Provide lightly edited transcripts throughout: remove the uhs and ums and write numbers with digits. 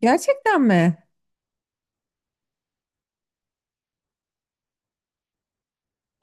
Gerçekten mi?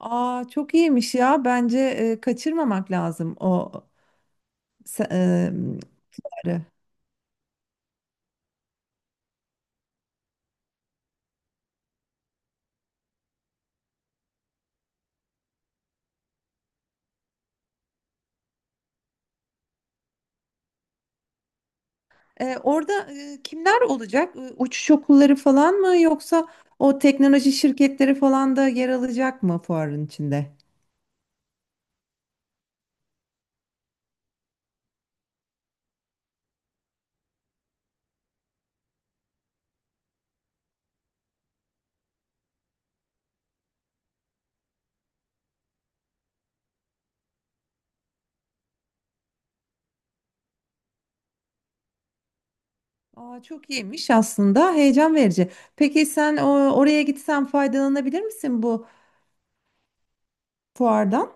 Aa çok iyiymiş ya. Bence kaçırmamak lazım o se- e, bunları. Orada kimler olacak? Uçuş okulları falan mı yoksa o teknoloji şirketleri falan da yer alacak mı fuarın içinde? Aa çok iyiymiş aslında. Heyecan verici. Peki sen o, oraya gitsen faydalanabilir misin bu fuardan?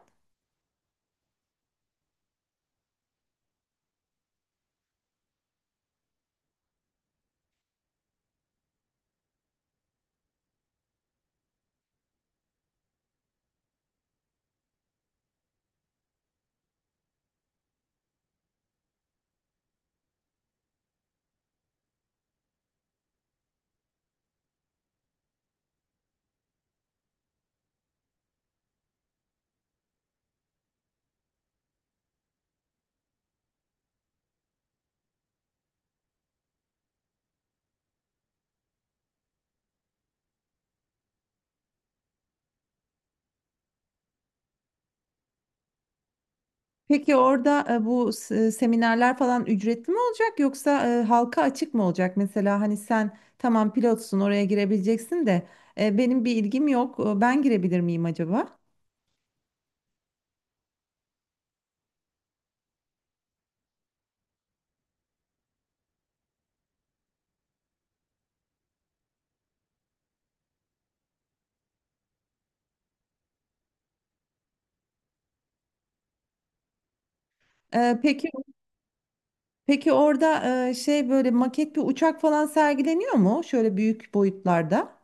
Peki orada seminerler falan ücretli mi olacak yoksa halka açık mı olacak? Mesela hani sen tamam pilotsun oraya girebileceksin de benim bir ilgim yok. Ben girebilir miyim acaba? E, Peki Peki, orada böyle maket bir uçak falan sergileniyor mu? Şöyle büyük boyutlarda.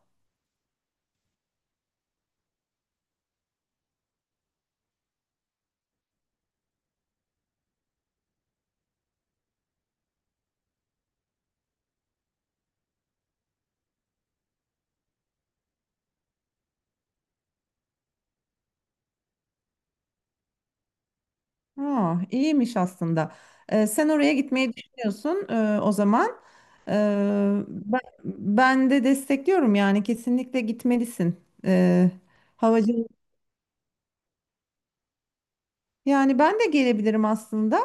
Ha, iyiymiş aslında. Sen oraya gitmeyi düşünüyorsun o zaman. E, ben de destekliyorum yani kesinlikle gitmelisin. Havacılık. Yani ben de gelebilirim aslında.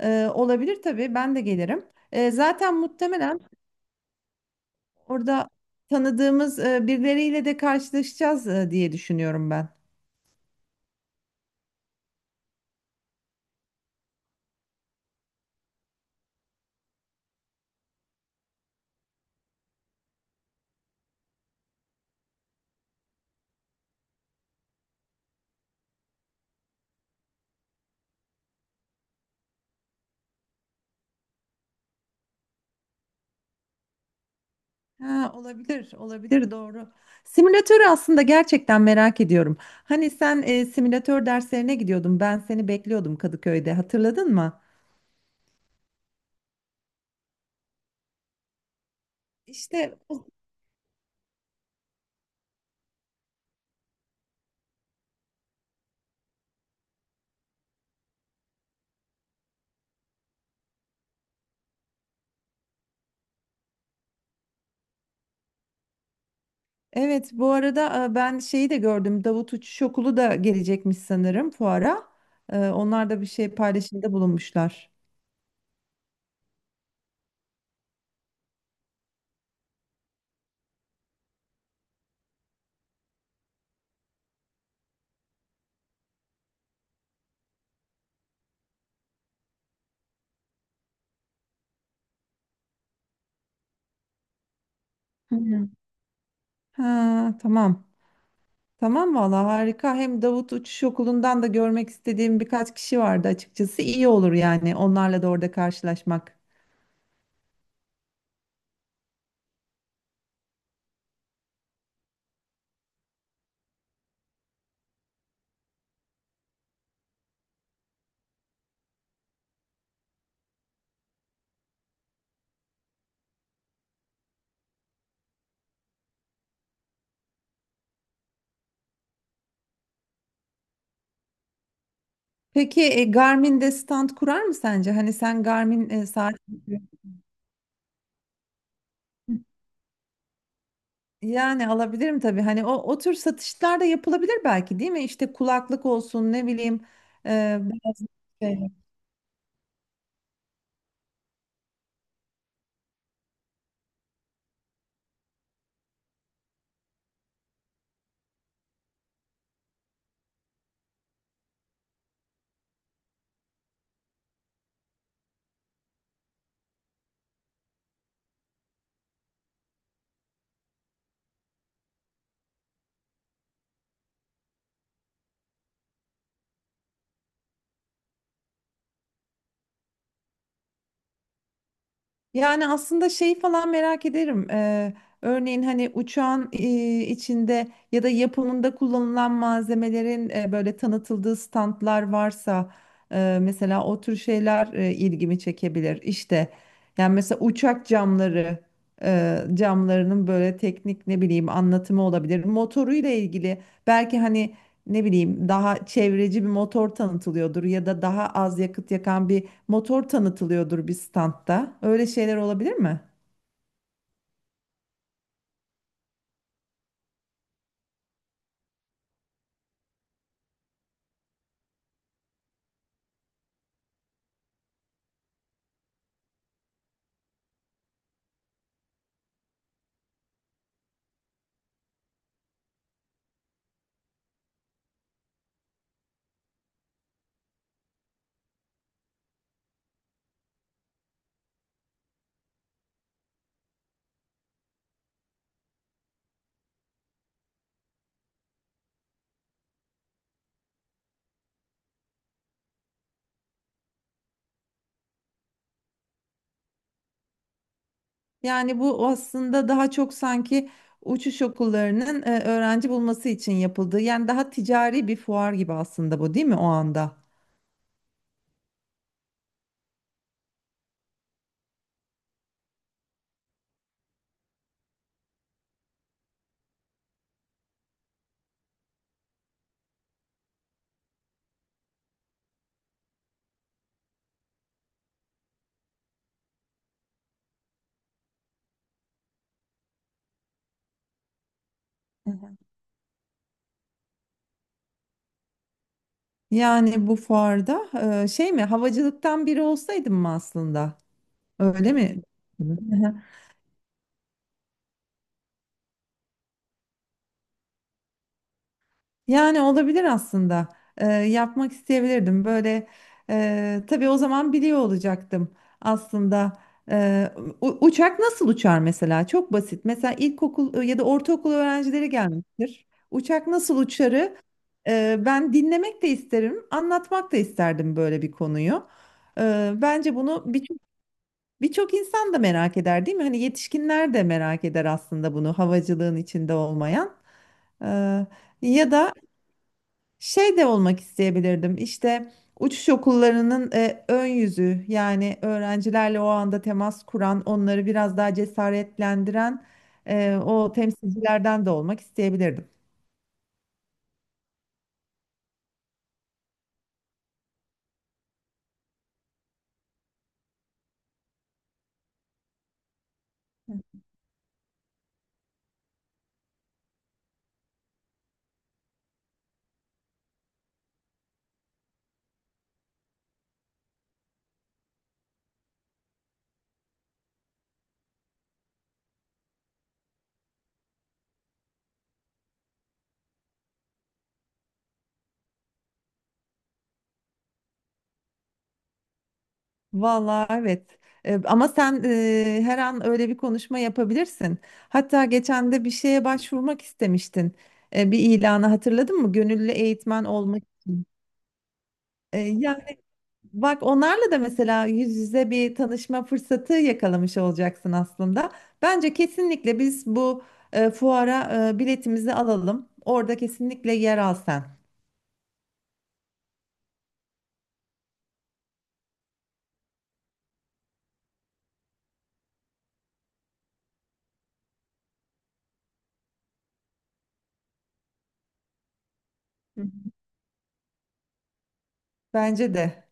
Olabilir tabii ben de gelirim. Zaten muhtemelen orada tanıdığımız birileriyle de karşılaşacağız diye düşünüyorum ben. Ha, olabilir, olabilir doğru. Simülatörü aslında gerçekten merak ediyorum. Hani sen simülatör derslerine gidiyordun, ben seni bekliyordum Kadıköy'de, hatırladın mı? İşte o- evet, bu arada ben şeyi de gördüm, Davut Uçuş Okulu da gelecekmiş sanırım fuara. Onlar da bir şey paylaşımda bulunmuşlar. Hı hı. Ha, tamam. Tamam valla harika. Hem Davut Uçuş Okulu'ndan da görmek istediğim birkaç kişi vardı açıkçası. İyi olur yani onlarla da orada karşılaşmak. Peki Garmin'de stand kurar mı sence? Hani sen Garmin saat... Yani alabilirim tabii. Hani o, o tür satışlar da yapılabilir belki değil mi? İşte kulaklık olsun ne bileyim. E, biraz şey. Yani aslında şeyi falan merak ederim. Örneğin hani uçağın içinde ya da yapımında kullanılan malzemelerin böyle tanıtıldığı standlar varsa mesela o tür şeyler ilgimi çekebilir. İşte yani mesela uçak camlarının böyle teknik ne bileyim anlatımı olabilir. Motoruyla ilgili belki hani ne bileyim daha çevreci bir motor tanıtılıyordur ya da daha az yakıt yakan bir motor tanıtılıyordur bir standta. Öyle şeyler olabilir mi? Yani bu aslında daha çok sanki uçuş okullarının öğrenci bulması için yapıldığı, yani daha ticari bir fuar gibi aslında bu, değil mi o anda? Hı hı. Yani bu fuarda e, şey mi havacılıktan biri olsaydım mı aslında? Öyle mi? Hı. Yani olabilir aslında. Yapmak isteyebilirdim. Böyle tabii o zaman biliyor olacaktım aslında. Ee, Uçak nasıl uçar mesela? Çok basit. Mesela ilkokul ya da ortaokul öğrencileri gelmiştir. Uçak nasıl uçarı ben dinlemek de isterim, anlatmak da isterdim böyle bir konuyu. Bence bunu birçok insan da merak eder, değil mi? Hani yetişkinler de merak eder aslında bunu havacılığın içinde olmayan. Ee, Ya da şey de olmak isteyebilirdim. İşte uçuş okullarının ön yüzü yani öğrencilerle o anda temas kuran, onları biraz daha cesaretlendiren o temsilcilerden de olmak isteyebilirdim. Vallahi evet. Ama sen her an öyle bir konuşma yapabilirsin. Hatta geçen de bir şeye başvurmak istemiştin. Bir ilanı hatırladın mı? Gönüllü eğitmen olmak için. E, yani Bak onlarla da mesela yüz yüze bir tanışma fırsatı yakalamış olacaksın aslında. Bence kesinlikle biz bu fuara biletimizi alalım. Orada kesinlikle yer al sen. Hı hı. Bence de.